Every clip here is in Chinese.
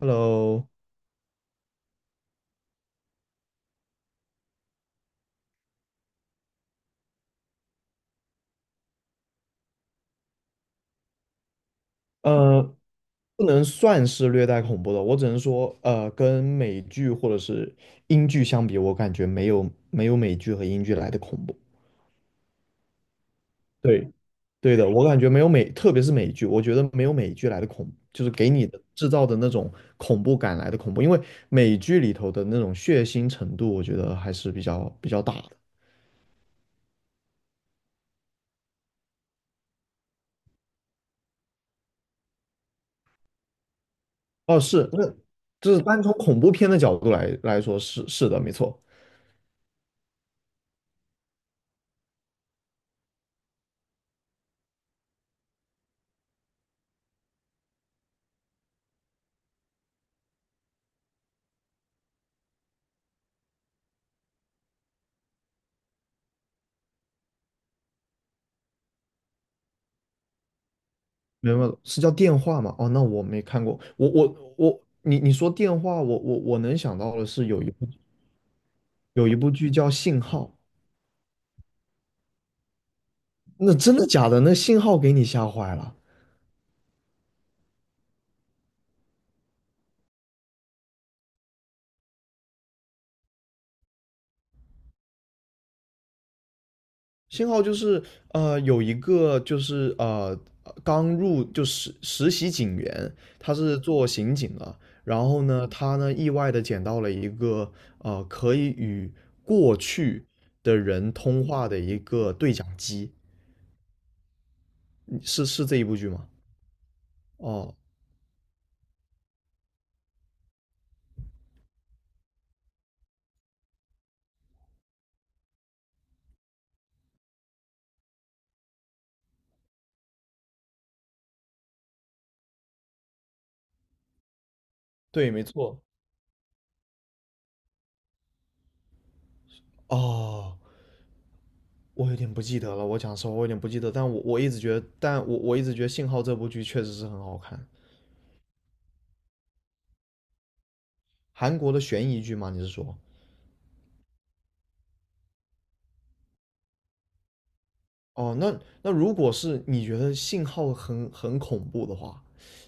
Hello，呃，不能算是略带恐怖的，我只能说，跟美剧或者是英剧相比，我感觉没有美剧和英剧来的恐怖。对，对的，我感觉没有美，特别是美剧，我觉得没有美剧来的恐怖就是给你的制造的那种恐怖感来的恐怖，因为美剧里头的那种血腥程度，我觉得还是比较大的。哦，是，那就是单从恐怖片的角度来说，是的，没错。明白了，是叫电话吗？哦，那我没看过。我我我，你说电话，我能想到的是有一部剧叫《信号》，那真的假的？那信号给你吓坏了。信号就是有一个就是刚入就实习警员，他是做刑警的，然后呢，他呢意外的捡到了一个可以与过去的人通话的一个对讲机，嗯，是这一部剧吗？哦，对，没错。哦，我有点不记得了，我讲实话，我有点不记得，但我一直觉得《信号》这部剧确实是很好看，韩国的悬疑剧吗？你是说？哦，那如果是你觉得《信号》很恐怖的话，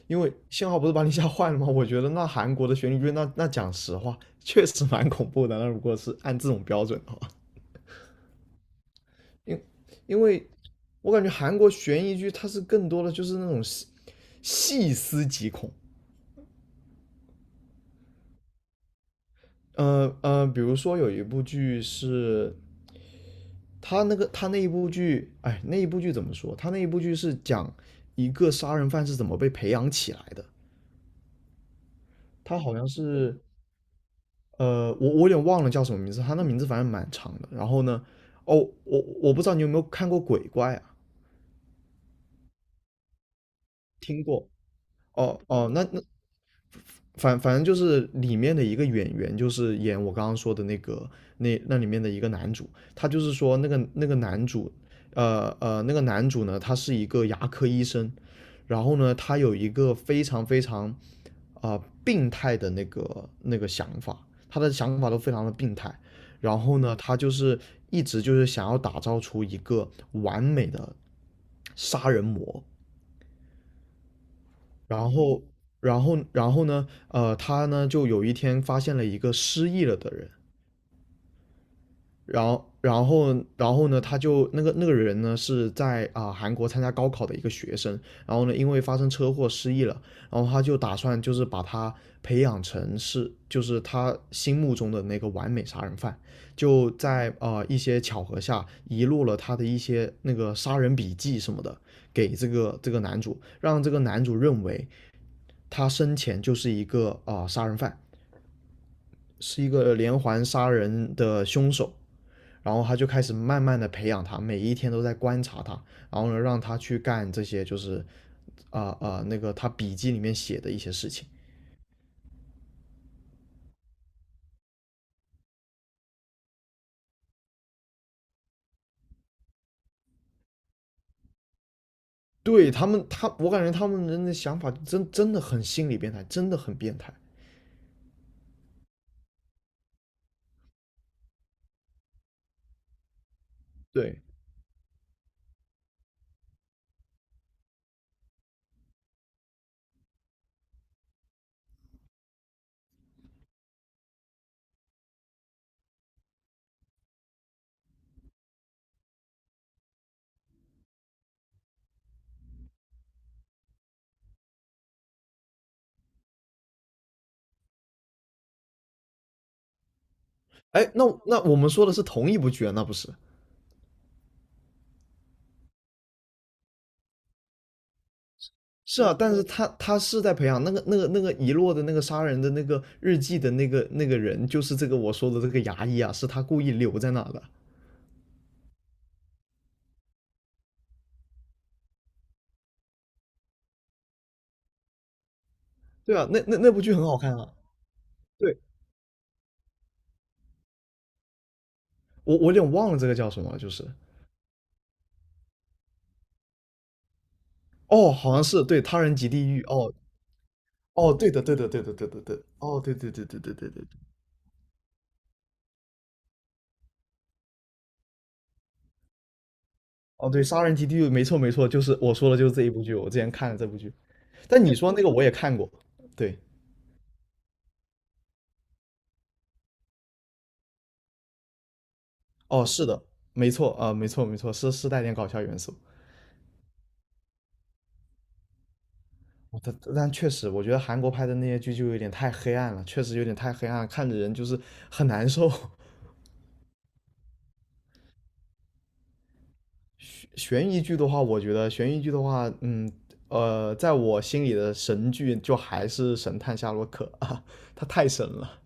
因为《信号》不是把你吓坏了吗？我觉得那韩国的悬疑剧，那讲实话，确实蛮恐怖的。那如果是按这种标准的话，因因为我感觉韩国悬疑剧它是更多的就是那种细思极恐。比如说有一部剧是他那一部剧，哎，那一部剧怎么说？他那一部剧是讲一个杀人犯是怎么被培养起来的。他好像是呃，我有点忘了叫什么名字，他那名字反正蛮长的。然后呢，哦，我不知道你有没有看过《鬼怪》啊？听过？哦哦，那反正就是里面的一个演员，就是演我刚刚说的那个那里面的一个男主，他就是说那个男主，那个男主呢，他是一个牙科医生，然后呢，他有一个非常非常病态的那个想法，他的想法都非常的病态，然后呢，他就是一直就是想要打造出一个完美的杀人魔，然后，然后呢？他呢就有一天发现了一个失忆了的人，然后呢，他就那个人呢是在韩国参加高考的一个学生，然后呢因为发生车祸失忆了，然后他就打算就是把他培养成是就是他心目中的那个完美杀人犯，就在一些巧合下遗落了他的一些那个杀人笔记什么的给这个男主，让这个男主认为。他生前就是一个杀人犯，是一个连环杀人的凶手。然后他就开始慢慢的培养他，每一天都在观察他，然后呢，让他去干这些就是那个他笔记里面写的一些事情。他我感觉他们人的想法真真的很心理变态，真的很变态。对，哎，那我们说的是同一部剧啊，那不是？是啊，但是他是在培养那个遗落的那个杀人的那个日记的那个人，就是这个我说的这个牙医啊，是他故意留在那的。对啊，那部剧很好看啊。对，我有点忘了这个叫什么，就是哦，好像是对他人及地狱哦哦，对的对的对的对的对的哦对对对对对对对对哦对，杀人及地狱没错没错，就是我说的就是这一部剧，我之前看了这部剧，但你说那个我也看过，对哦是的，没错啊、没错没错，是带点搞笑元素。但确实，我觉得韩国拍的那些剧就有点太黑暗了，确实有点太黑暗了看着人就是很难受。悬疑剧的话，我觉得悬疑剧的话，在我心里的神剧就还是《神探夏洛克》啊，它太神了，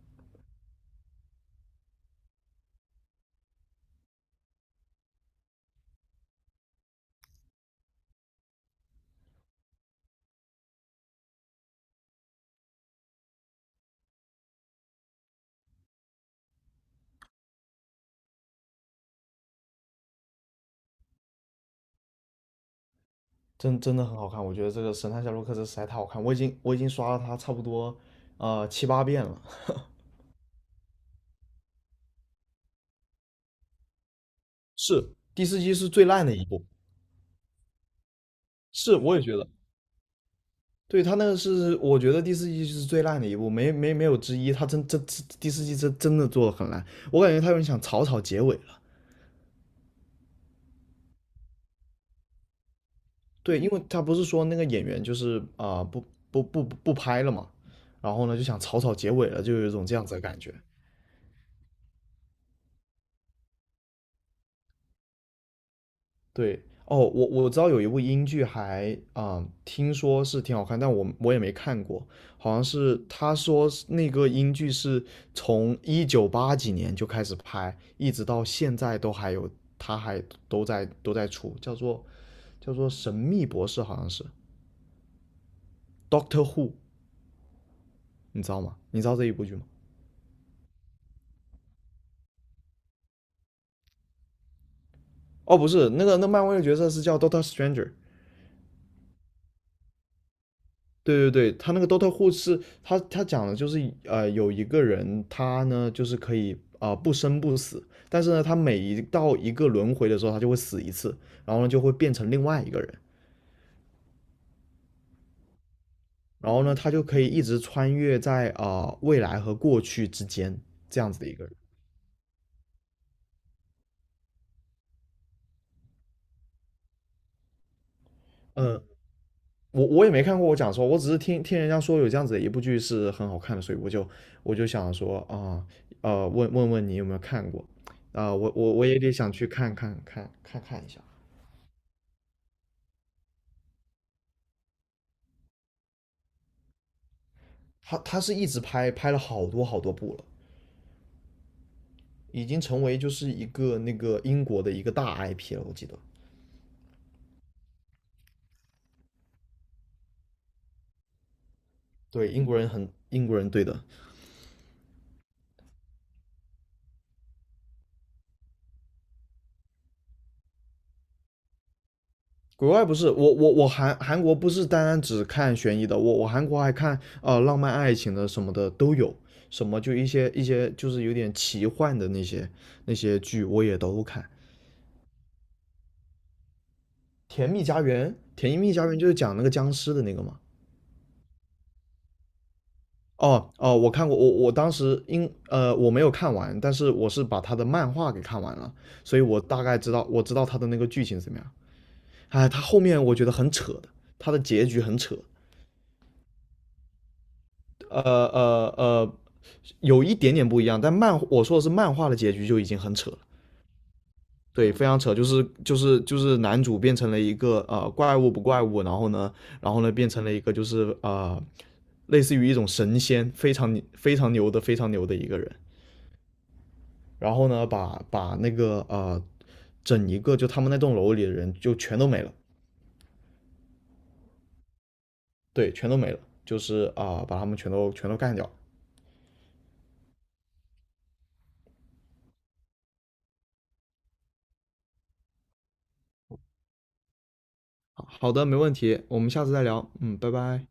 真的很好看。我觉得这个《神探夏洛克》这实在太好看，我已经刷了它差不多七八遍了。是第四季是最烂的一部，是我也觉得。对，他那个是我觉得第四季是最烂的一部，没有之一。他真真第四季真的做的很烂，我感觉他有点想草草结尾了。对，因为他不是说那个演员就是不拍了嘛，然后呢就想草草结尾了，就有一种这样子的感觉。对，哦，我知道有一部英剧还听说是挺好看，但我也没看过，好像是他说是那个英剧是从一九八几年就开始拍，一直到现在都还有，他还都在都在出，叫做《神秘博士》，好像是 Doctor Who，你知道吗？你知道这一部剧吗？哦，不是，那漫威的角色是叫 Doctor Stranger，对对对，他那个 Dota 护是，他讲的就是有一个人，他呢就是可以不生不死，但是呢，他每一到一个轮回的时候，他就会死一次，然后呢就会变成另外一个人，然后呢他就可以一直穿越在未来和过去之间这样子的一个人。嗯，我也没看过，我讲说，我只是听听人家说有这样子的一部剧是很好看的，所以我就想说问问你有没有看过我也得想去看看一下。他是一直拍，拍了好多好多部了，已经成为就是一个那个英国的一个大 IP 了，我记得。对，英国人很英国人，对的。国外不是我韩国不是单单只看悬疑的，我韩国还看浪漫爱情的什么的都有，什么就一些就是有点奇幻的那些剧我也都看。甜蜜家园，甜蜜家园就是讲那个僵尸的那个嘛。哦哦，我看过，我当时我没有看完，但是我是把他的漫画给看完了，所以我知道他的那个剧情是怎么样。哎，他后面我觉得很扯的，他的结局很扯，呃呃呃，有一点点不一样，但我说的是漫画的结局就已经很扯了，对，非常扯，就是男主变成了一个怪物不怪物，然后呢，变成了一个就是类似于一种神仙，非常非常牛的非常牛的一个人。然后呢，把那个整一个就他们那栋楼里的人就全都没了，对，全都没了，就是把他们全都干掉。好好的，没问题，我们下次再聊，嗯，拜拜。